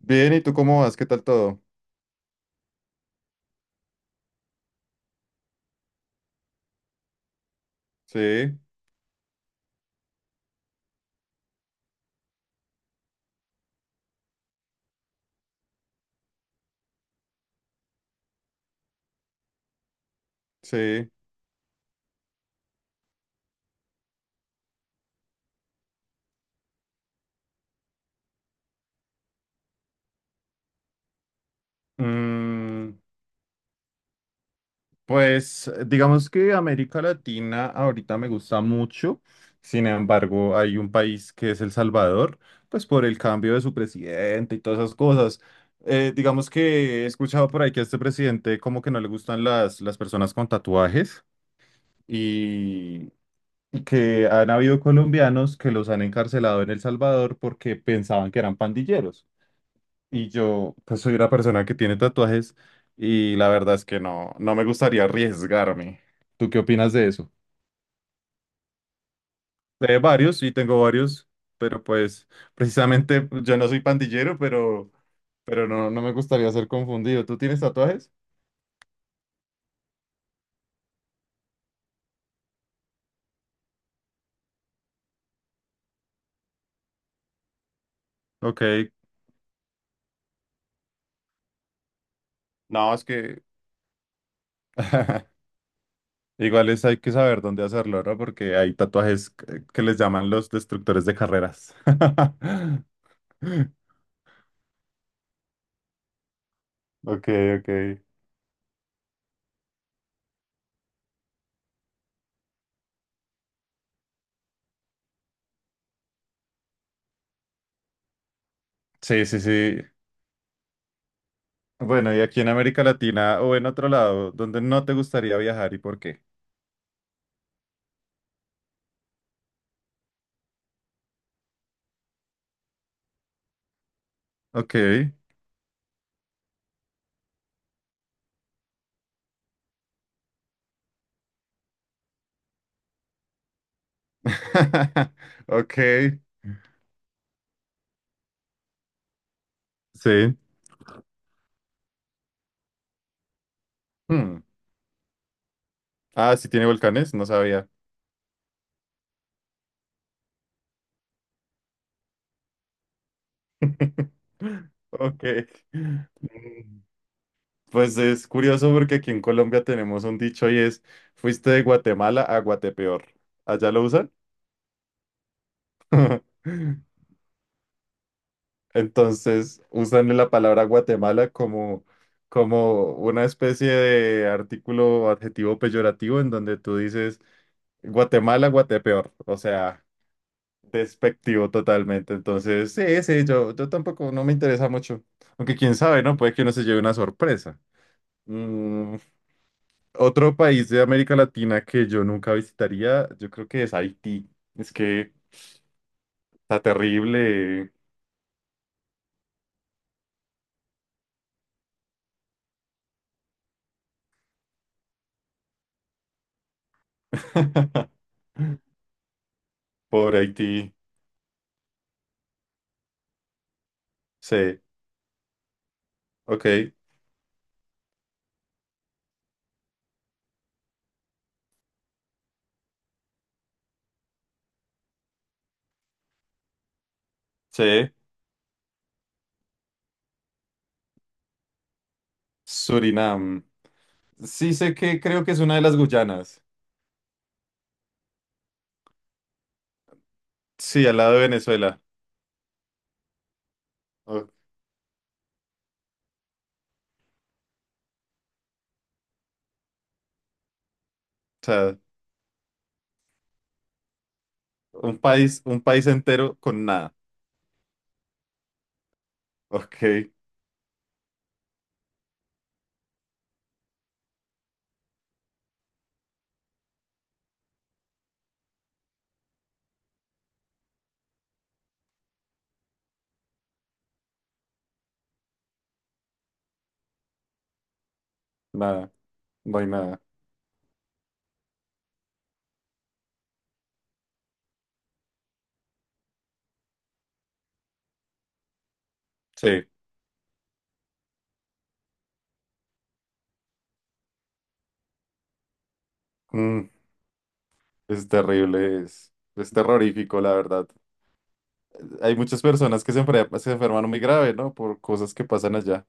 Bien, ¿y tú cómo vas? ¿Qué tal todo? Sí, sí. Mm, pues digamos que América Latina ahorita me gusta mucho. Sin embargo, hay un país que es El Salvador, pues por el cambio de su presidente y todas esas cosas. Digamos que he escuchado por ahí que a este presidente como que no le gustan las personas con tatuajes y que han habido colombianos que los han encarcelado en El Salvador porque pensaban que eran pandilleros. Y yo, pues soy una persona que tiene tatuajes y la verdad es que no, no me gustaría arriesgarme. ¿Tú qué opinas de eso? Varios, sí, tengo varios, pero pues precisamente pues, yo no soy pandillero, pero no, no me gustaría ser confundido. ¿Tú tienes tatuajes? Ok, no, es que igual es, hay que saber dónde hacerlo, ¿no? Porque hay tatuajes que les llaman los destructores de carreras. Ok, ok. Sí, sí, sí. Bueno, y aquí en América Latina o en otro lado, ¿dónde no te gustaría viajar y por qué? Ok. Ok. Sí. Hmm. Ah, sí tiene volcanes, no sabía. Ok. Mm, pues es curioso porque aquí en Colombia tenemos un dicho y es, fuiste de Guatemala a Guatepeor. ¿Allá lo usan? Entonces usan la palabra Guatemala como, como una especie de artículo o adjetivo peyorativo en donde tú dices Guatemala, Guatepeor, o sea, despectivo totalmente. Entonces, sí, sí, yo tampoco no me interesa mucho. Aunque quién sabe, ¿no? Puede que uno se lleve una sorpresa. Mm, otro país de América Latina que yo nunca visitaría, yo creo que es Haití. Es que está terrible. Por Haití. Sí, ok. Sí, Surinam. Sí sé que creo que es una de las Guyanas. Sí, al lado de Venezuela. O sea, un país, un país entero con nada. Ok, nada, no hay nada. Sí, Mm, es terrible, es terrorífico, la verdad. Hay muchas personas que se enferman muy grave, ¿no? Por cosas que pasan allá.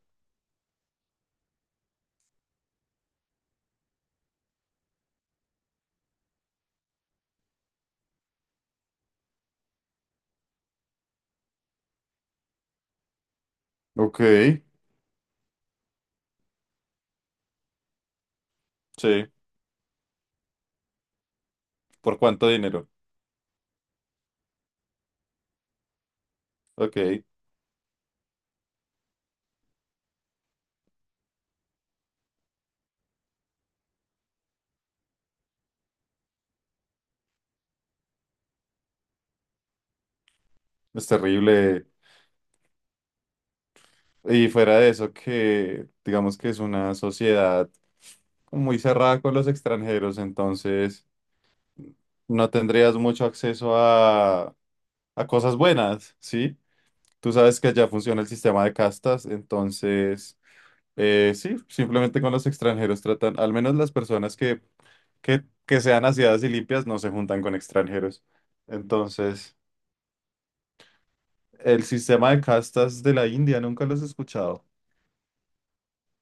Ok, sí. ¿Por cuánto dinero? Ok, es terrible. Y fuera de eso, que digamos que es una sociedad muy cerrada con los extranjeros, entonces no tendrías mucho acceso a cosas buenas, ¿sí? Tú sabes que allá funciona el sistema de castas, entonces, sí, simplemente con los extranjeros tratan, al menos las personas que sean aseadas y limpias no se juntan con extranjeros. Entonces, el sistema de castas de la India, nunca los he escuchado.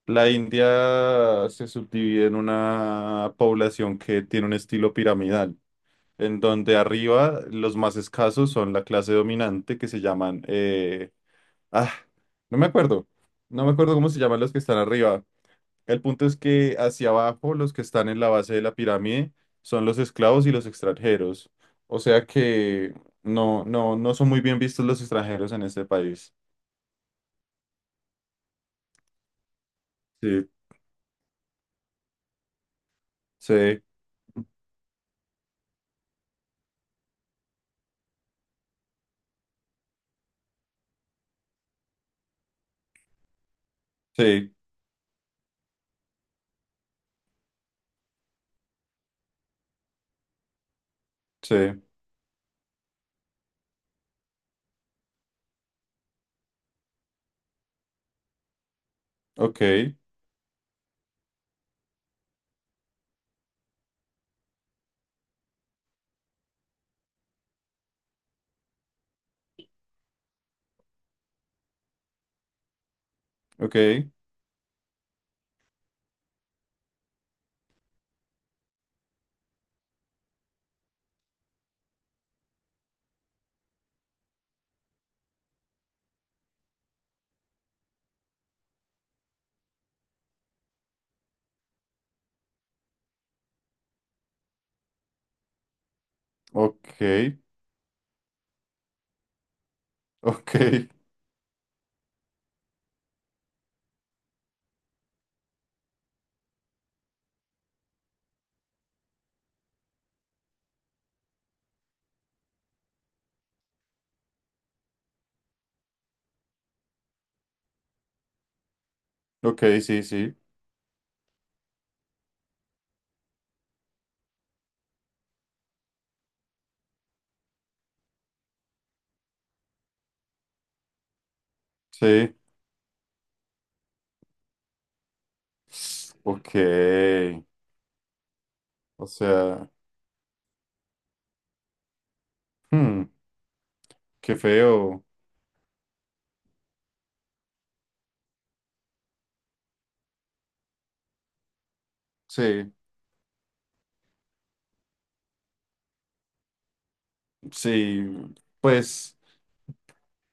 La India se subdivide en una población que tiene un estilo piramidal, en donde arriba los más escasos son la clase dominante, que se llaman ah, no me acuerdo. No me acuerdo cómo se llaman los que están arriba. El punto es que hacia abajo, los que están en la base de la pirámide son los esclavos y los extranjeros. O sea que no, no, no son muy bien vistos los extranjeros en este país. Sí, sí, sí, sí. Ok, ok, ok, ok, ok, sí, sí, sí. Ok. O sea, hmm, qué feo. Sí, sí. Pues.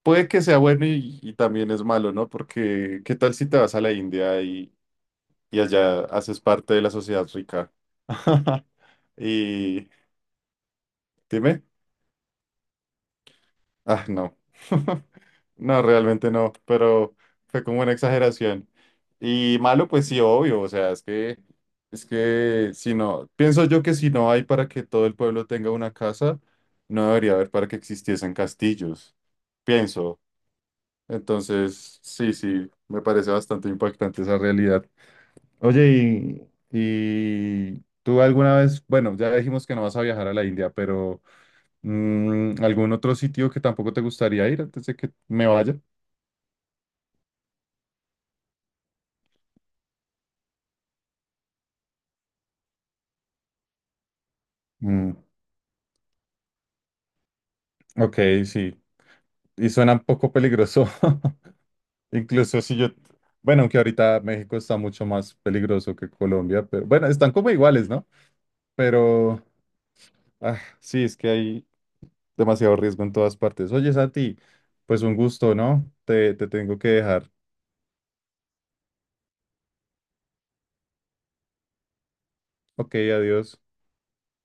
Puede que sea bueno y también es malo, ¿no? Porque ¿qué tal si te vas a la India y allá haces parte de la sociedad rica? Y dime, ah, no, no, realmente no, pero fue como una exageración. Y malo, pues sí, obvio, o sea, es que si no, pienso yo que si no hay para que todo el pueblo tenga una casa, no debería haber para que existiesen castillos, pienso. Entonces, sí, sí, me parece bastante impactante esa realidad. Oye, y tú alguna vez, bueno, ya dijimos que no vas a viajar a la India, pero ¿algún otro sitio que tampoco te gustaría ir antes de que me vaya? Mm, ok, sí. Y suena un poco peligroso. Incluso si yo, bueno, aunque ahorita México está mucho más peligroso que Colombia, pero bueno, están como iguales, ¿no? Pero, ah, sí, es que hay, demasiado riesgo en todas partes. Oye, Sati, pues un gusto, ¿no? Te tengo que dejar. Ok, adiós.